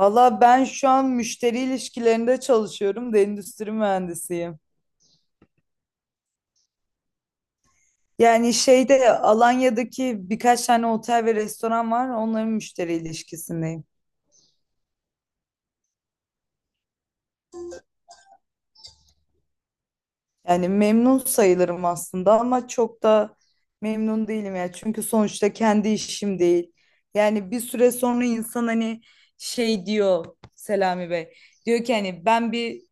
Valla ben şu an müşteri ilişkilerinde çalışıyorum da endüstri mühendisiyim. Yani şeyde Alanya'daki birkaç tane otel ve restoran var. Onların müşteri ilişkisindeyim. Yani memnun sayılırım aslında ama çok da memnun değilim ya. Çünkü sonuçta kendi işim değil. Yani bir süre sonra insan hani şey diyor, Selami Bey. Diyor ki hani ben bir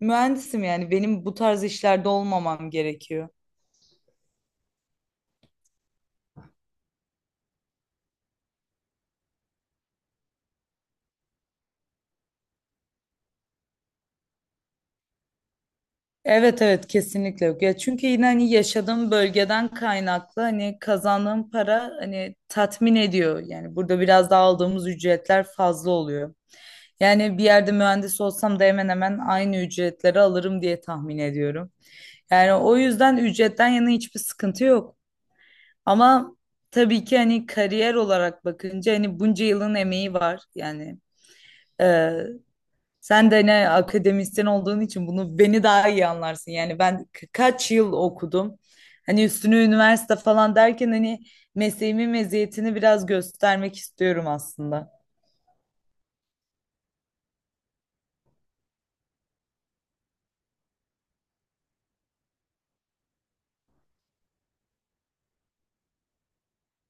mühendisim, yani benim bu tarz işlerde olmamam gerekiyor. Evet evet, kesinlikle yok. Ya çünkü yine hani yaşadığım bölgeden kaynaklı hani kazandığım para hani tatmin ediyor. Yani burada biraz daha aldığımız ücretler fazla oluyor. Yani bir yerde mühendis olsam da hemen hemen aynı ücretleri alırım diye tahmin ediyorum. Yani o yüzden ücretten yana hiçbir sıkıntı yok. Ama tabii ki hani kariyer olarak bakınca hani bunca yılın emeği var. Yani sen de ne akademisyen olduğun için bunu beni daha iyi anlarsın. Yani ben kaç yıl okudum. Hani üstüne üniversite falan derken hani mesleğimin meziyetini biraz göstermek istiyorum aslında.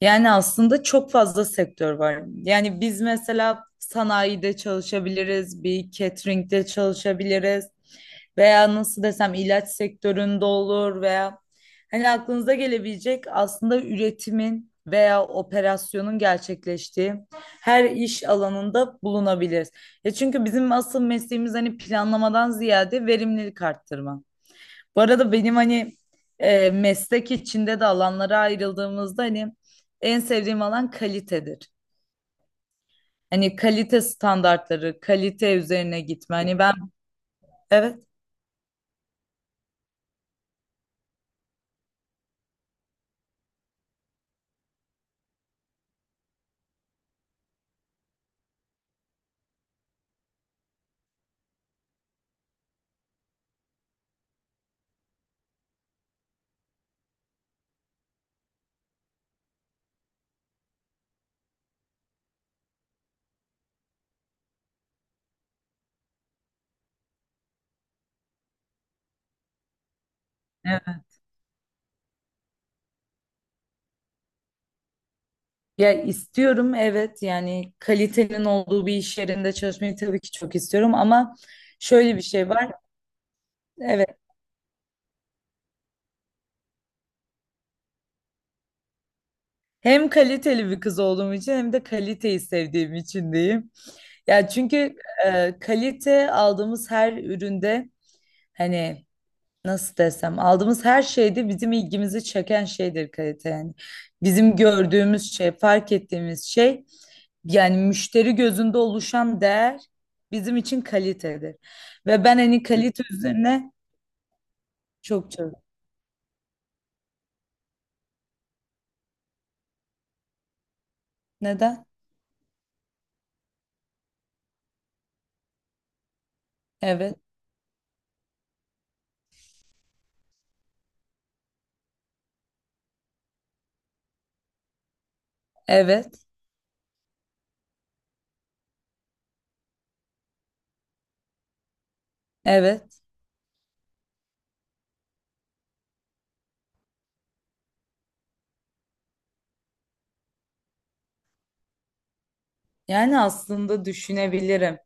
Yani aslında çok fazla sektör var. Yani biz mesela sanayide çalışabiliriz, bir catering'de çalışabiliriz veya nasıl desem ilaç sektöründe olur veya hani aklınıza gelebilecek aslında üretimin veya operasyonun gerçekleştiği her iş alanında bulunabiliriz. Ya çünkü bizim asıl mesleğimiz hani planlamadan ziyade verimlilik arttırma. Bu arada benim hani meslek içinde de alanlara ayrıldığımızda hani en sevdiğim alan kalitedir. Hani kalite standartları, kalite üzerine gitme. Hani ben. Evet, evet. Ya istiyorum, evet, yani kalitenin olduğu bir iş yerinde çalışmayı tabii ki çok istiyorum ama şöyle bir şey var. Evet. Hem kaliteli bir kız olduğum için hem de kaliteyi sevdiğim için diyeyim. Ya çünkü kalite aldığımız her üründe hani nasıl desem aldığımız her şeyde bizim ilgimizi çeken şeydir kalite yani. Bizim gördüğümüz şey, fark ettiğimiz şey, yani müşteri gözünde oluşan değer bizim için kalitedir. Ve ben hani kalite üzerine çok çok. Neden? Evet, evet, evet. Yani aslında düşünebilirim.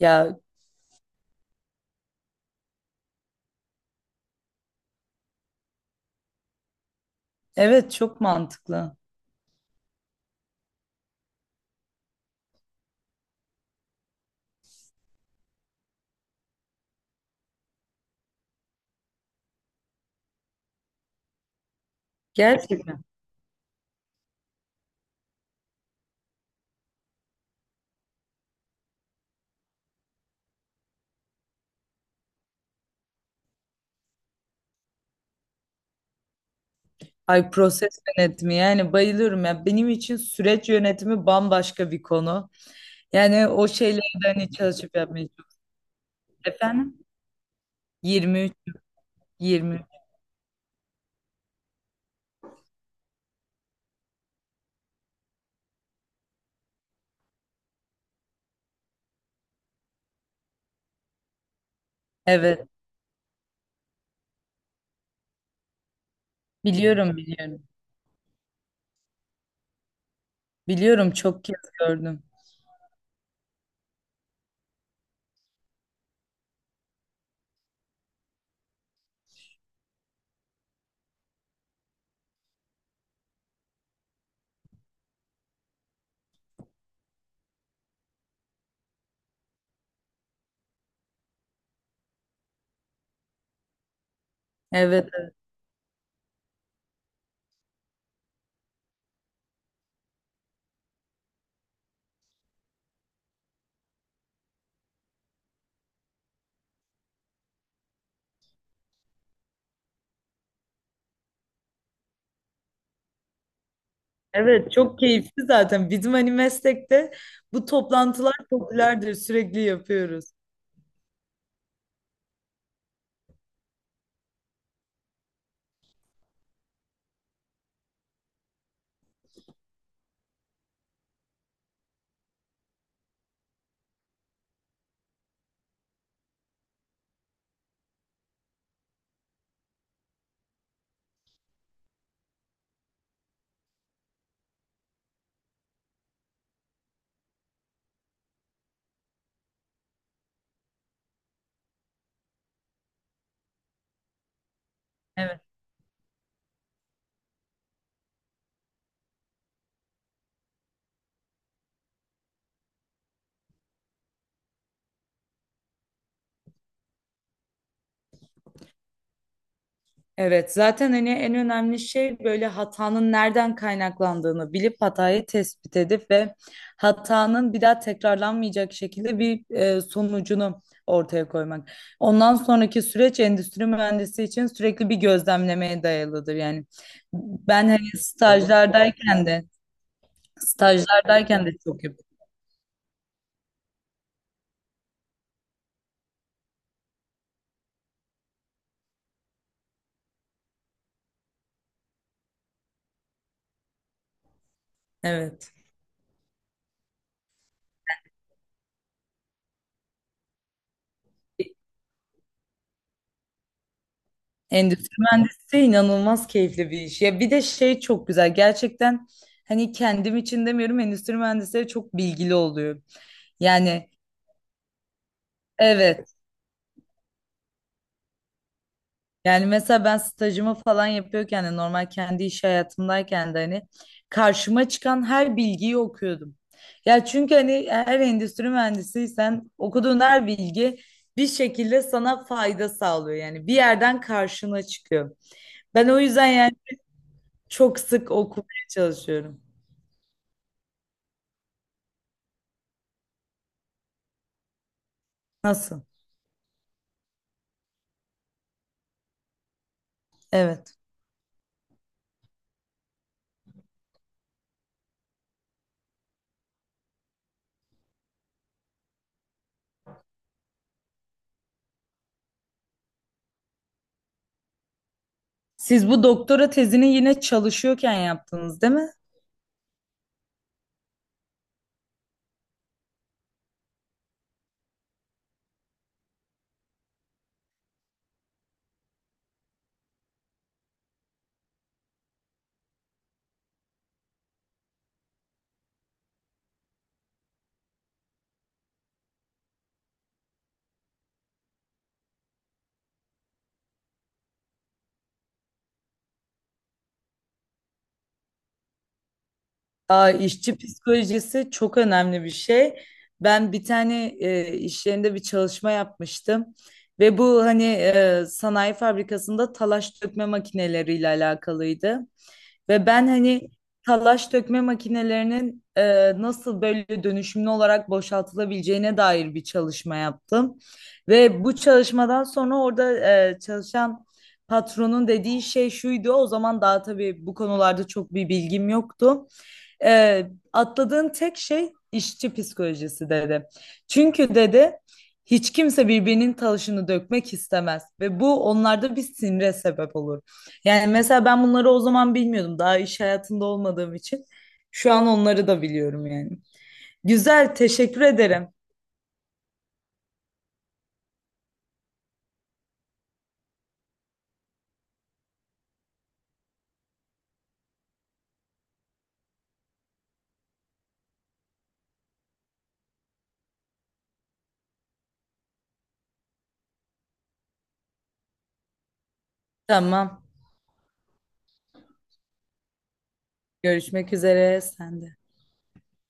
Ya, evet, çok mantıklı. Gerçekten. Ay, proses yönetimi, yani bayılıyorum ya. Benim için süreç yönetimi bambaşka bir konu. Yani o şeyleri de hani çalışıp yapmaya çok. Efendim? 23, 23. Evet. Biliyorum, biliyorum. Biliyorum, çok kez gördüm. Evet, evet. Evet, çok keyifli zaten. Bizim hani meslekte bu toplantılar popülerdir. Sürekli yapıyoruz. Evet. Evet, zaten hani en önemli şey böyle hatanın nereden kaynaklandığını bilip hatayı tespit edip ve hatanın bir daha tekrarlanmayacak şekilde bir sonucunu ortaya koymak. Ondan sonraki süreç endüstri mühendisi için sürekli bir gözlemlemeye dayalıdır. Yani ben hani stajlardayken de çok yap. Evet. Endüstri mühendisliği inanılmaz keyifli bir iş. Ya bir de şey çok güzel. Gerçekten hani kendim için demiyorum, endüstri mühendisleri çok bilgili oluyor. Yani evet. Yani mesela ben stajımı falan yapıyorken de normal kendi iş hayatımdayken de hani karşıma çıkan her bilgiyi okuyordum. Ya çünkü hani her endüstri mühendisiysen okuduğun her bilgi bir şekilde sana fayda sağlıyor. Yani bir yerden karşına çıkıyor. Ben o yüzden yani çok sık okumaya çalışıyorum. Nasıl? Evet. Siz bu doktora tezini yine çalışıyorken yaptınız, değil mi? Aa, işçi psikolojisi çok önemli bir şey. Ben bir tane iş yerinde bir çalışma yapmıştım ve bu hani sanayi fabrikasında talaş dökme makineleriyle alakalıydı. Ve ben hani talaş dökme makinelerinin nasıl böyle dönüşümlü olarak boşaltılabileceğine dair bir çalışma yaptım. Ve bu çalışmadan sonra orada çalışan patronun dediği şey şuydu. O zaman daha tabii bu konularda çok bir bilgim yoktu. Ee, Atladığın tek şey işçi psikolojisi dedi. Çünkü dedi hiç kimse birbirinin taşını dökmek istemez ve bu onlarda bir sinire sebep olur. Yani mesela ben bunları o zaman bilmiyordum, daha iş hayatında olmadığım için. Şu an onları da biliyorum yani. Güzel, teşekkür ederim. Tamam. Görüşmek üzere. Sen de.